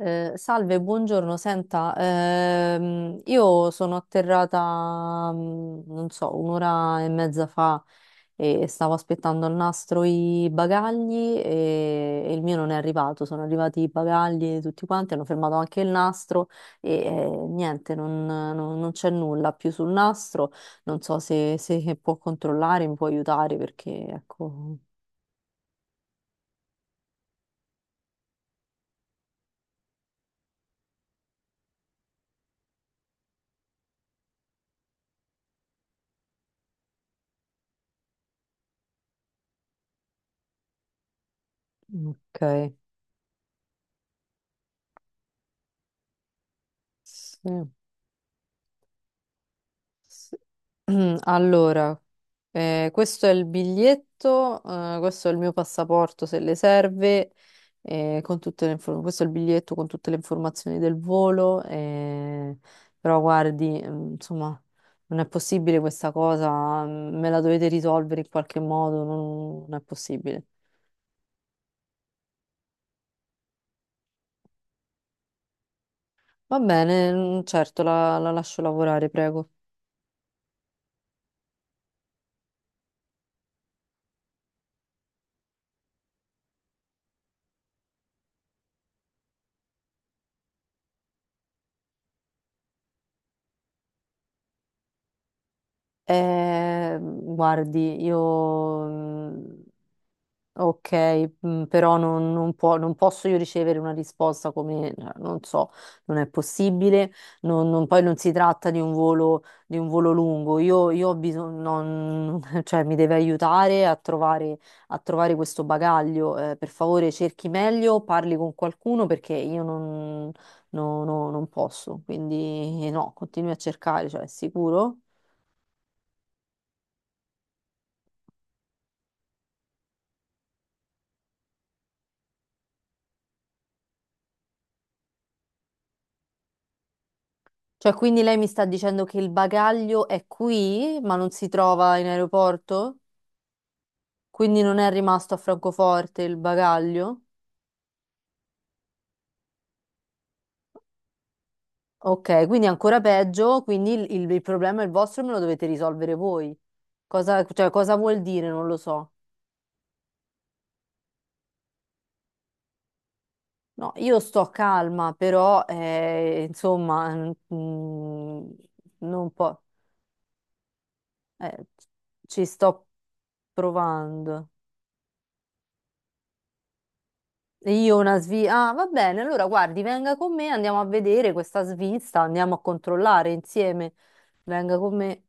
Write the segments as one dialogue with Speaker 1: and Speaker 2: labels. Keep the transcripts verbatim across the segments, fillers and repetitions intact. Speaker 1: Eh, salve, buongiorno. Senta, ehm, io sono atterrata, mm, non so, un'ora e mezza fa e stavo aspettando al nastro i bagagli e, e il mio non è arrivato. Sono arrivati i bagagli tutti quanti, hanno fermato anche il nastro e eh, niente, non, non- non c'è nulla più sul nastro. Non so se, se può controllare, mi può aiutare perché, ecco, ok. Sì. Sì. Allora, Eh, questo è il biglietto, eh, questo è il mio passaporto se le serve, eh, con tutte le infor- questo è il biglietto con tutte le informazioni del volo, eh, però guardi, mm, insomma, non è possibile questa cosa, mm, me la dovete risolvere in qualche modo, non, non è possibile. Va bene, mm, certo, la, la lascio lavorare, prego. Eh, guardi, io... mm, ok, mm, però non, non può- non posso io ricevere una risposta come, cioè, non so, non è possibile, non- non- poi non si tratta di un volo, di un volo lungo, io, io ho bisogno, non- cioè mi deve aiutare a trovare, a trovare questo bagaglio. Eh, per favore cerchi meglio, parli con qualcuno perché io non, no- no- non posso, quindi no, continui a cercare, cioè è sicuro? Cioè, quindi lei mi sta dicendo che il bagaglio è qui, ma non si trova in aeroporto? Quindi non è rimasto a Francoforte il bagaglio? Ok, quindi ancora peggio, quindi il, il- il problema è il vostro e me lo dovete risolvere voi. Cosa, cioè, cosa vuol dire? Non lo so. No, io sto calma, però, eh, insomma, mm, non po- eh, ci sto provando. E io una svista. Ah, va bene, allora guardi, venga con me, andiamo a vedere questa svista, andiamo a controllare insieme. Venga con me.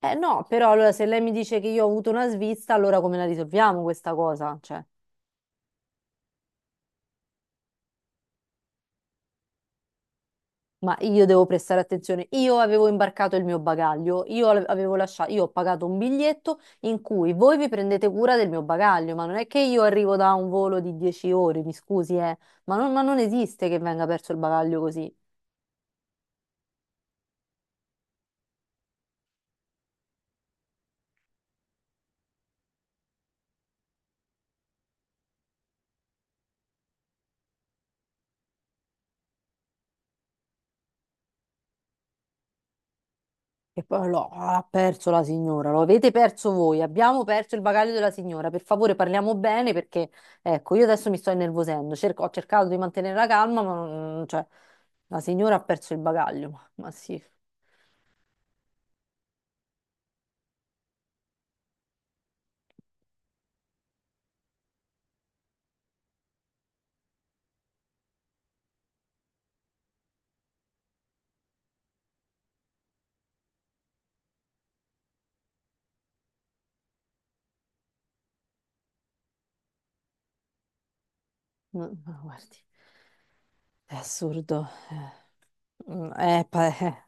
Speaker 1: Eh no, però allora se lei mi dice che io ho avuto una svista, allora come la risolviamo questa cosa? Cioè, ma io devo prestare attenzione. Io avevo imbarcato il mio bagaglio, io ave- avevo lasciato, io ho pagato un biglietto in cui voi vi prendete cura del mio bagaglio, ma non è che io arrivo da un volo di dieci ore, mi scusi, eh, ma non ma non esiste che venga perso il bagaglio così. E poi lo ah, ha perso la signora, lo avete perso voi, abbiamo perso il bagaglio della signora, per favore parliamo bene perché, ecco, io adesso mi sto innervosendo. Cerco- ho cercato di mantenere la calma, ma non- cioè, la signora ha perso il bagaglio, ma, ma sì, ma, ma guardi, è assurdo, eh, mm, è pa- eh,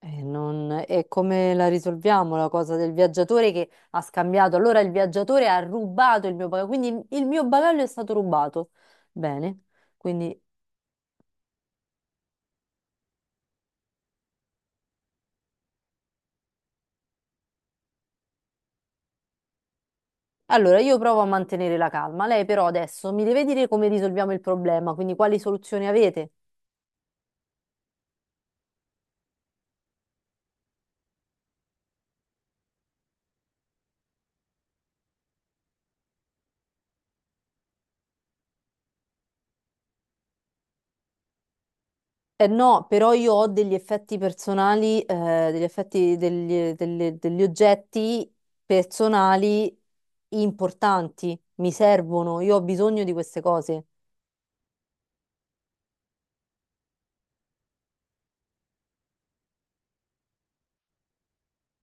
Speaker 1: eh, non- e come la risolviamo la cosa del viaggiatore che ha scambiato, allora il viaggiatore ha rubato il mio bagaglio, quindi il mio bagaglio è stato rubato, bene, quindi... Allora, io provo a mantenere la calma. Lei però adesso mi deve dire come risolviamo il problema, quindi quali soluzioni avete? Eh no, però io ho degli effetti personali, eh, degli effetti degli, delle- degli oggetti personali importanti, mi servono, io ho bisogno di queste cose.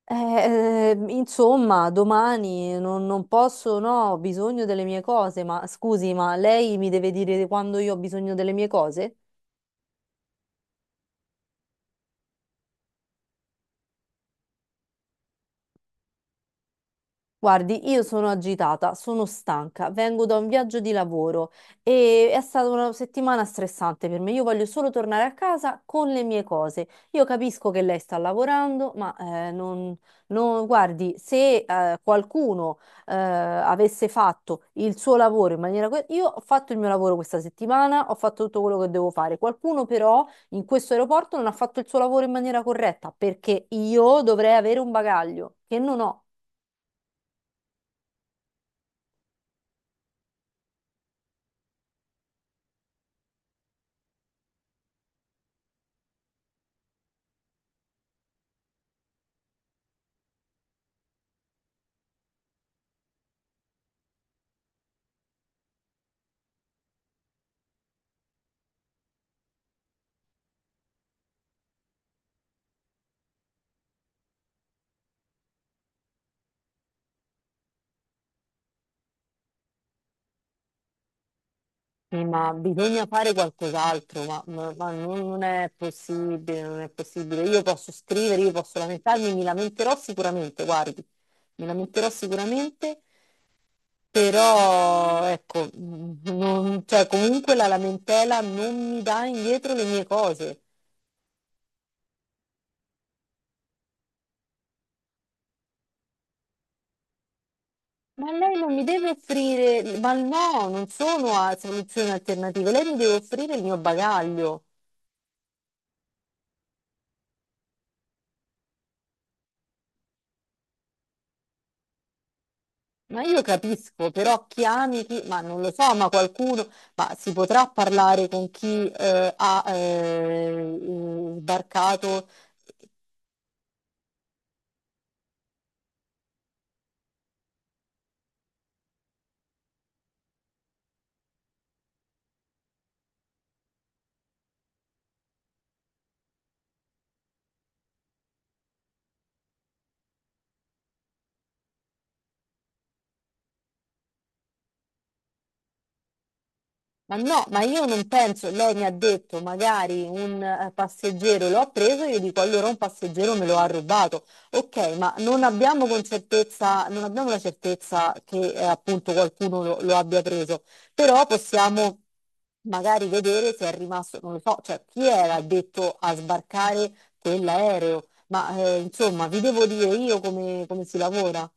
Speaker 1: Eh, eh, insomma, domani non, non posso, no, ho bisogno delle mie cose, ma scusi, ma lei mi deve dire quando io ho bisogno delle mie cose? Guardi, io sono agitata, sono stanca, vengo da un viaggio di lavoro e è stata una settimana stressante per me. Io voglio solo tornare a casa con le mie cose. Io capisco che lei sta lavorando, ma eh, non, non- guardi, se eh, qualcuno eh, avesse fatto il suo lavoro in maniera... que- Io ho fatto il mio lavoro questa settimana, ho fatto tutto quello che devo fare. Qualcuno però in questo aeroporto non ha fatto il suo lavoro in maniera corretta perché io dovrei avere un bagaglio che non ho. Sì, ma bisogna fare qualcos'altro, ma, ma- ma non, non è possibile, non è possibile. Io posso scrivere, io posso lamentarmi, mi lamenterò sicuramente, guardi, mi lamenterò sicuramente, però ecco, mm, non- cioè, comunque la lamentela non mi dà indietro le mie cose. Ma lei non mi deve offrire, ma no, non sono a soluzioni alternative, lei mi deve offrire il mio bagaglio. Ma io capisco, però chi ami, chi... ma non lo so, ma qualcuno, ma si potrà parlare con chi eh, ha eh, sbarcato. Ma no, ma io non penso, lei mi ha detto magari un eh, passeggero l'ho preso, io dico allora un passeggero me lo ha rubato. Ok, ma non abbiamo con certezza, non abbiamo la certezza che eh, appunto qualcuno lo, lo abbia preso, però possiamo magari vedere se è rimasto, non lo so, cioè chi era detto a sbarcare quell'aereo, ma eh, insomma vi devo dire io come come si lavora.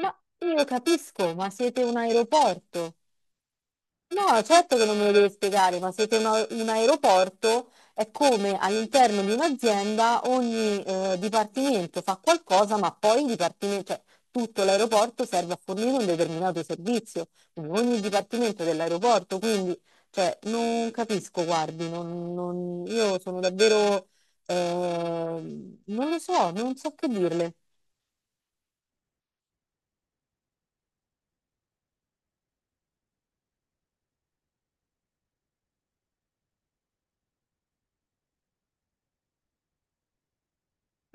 Speaker 1: Ma io capisco, ma siete un aeroporto. No, certo che non me lo deve spiegare, ma siete un, a- un aeroporto, è come all'interno di un'azienda ogni eh, dipartimento fa qualcosa, ma poi il dipartimento, cioè tutto l'aeroporto serve a fornire un determinato servizio, quindi ogni dipartimento dell'aeroporto, quindi cioè, non capisco, guardi, non- non- io sono davvero, eh, non lo so, non so che dirle.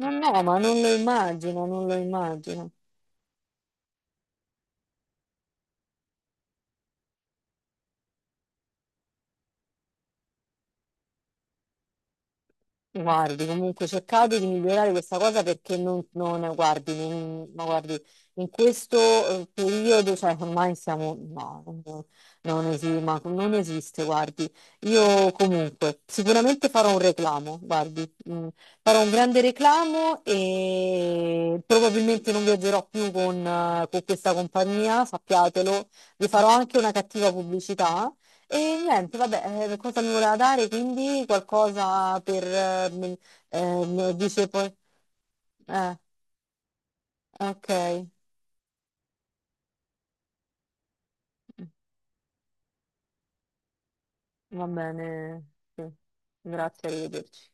Speaker 1: Non no, ma non lo immagino, non lo immagino. Guardi, comunque cercate di migliorare questa cosa perché non, non- guardi, non- ma guardi, in questo eh, periodo, cioè ormai siamo, no, non, non esi- ma non esiste, guardi. Io comunque sicuramente farò un reclamo, guardi, mm, farò un grande reclamo e probabilmente non viaggerò più con, eh, con questa compagnia, sappiatelo, vi farò anche una cattiva pubblicità e niente, vabbè, eh, cosa mi voleva dare? Quindi qualcosa per... eh, mi- eh, mi dice poi... Eh, ok, mm, va bene, sì. Grazie, arrivederci.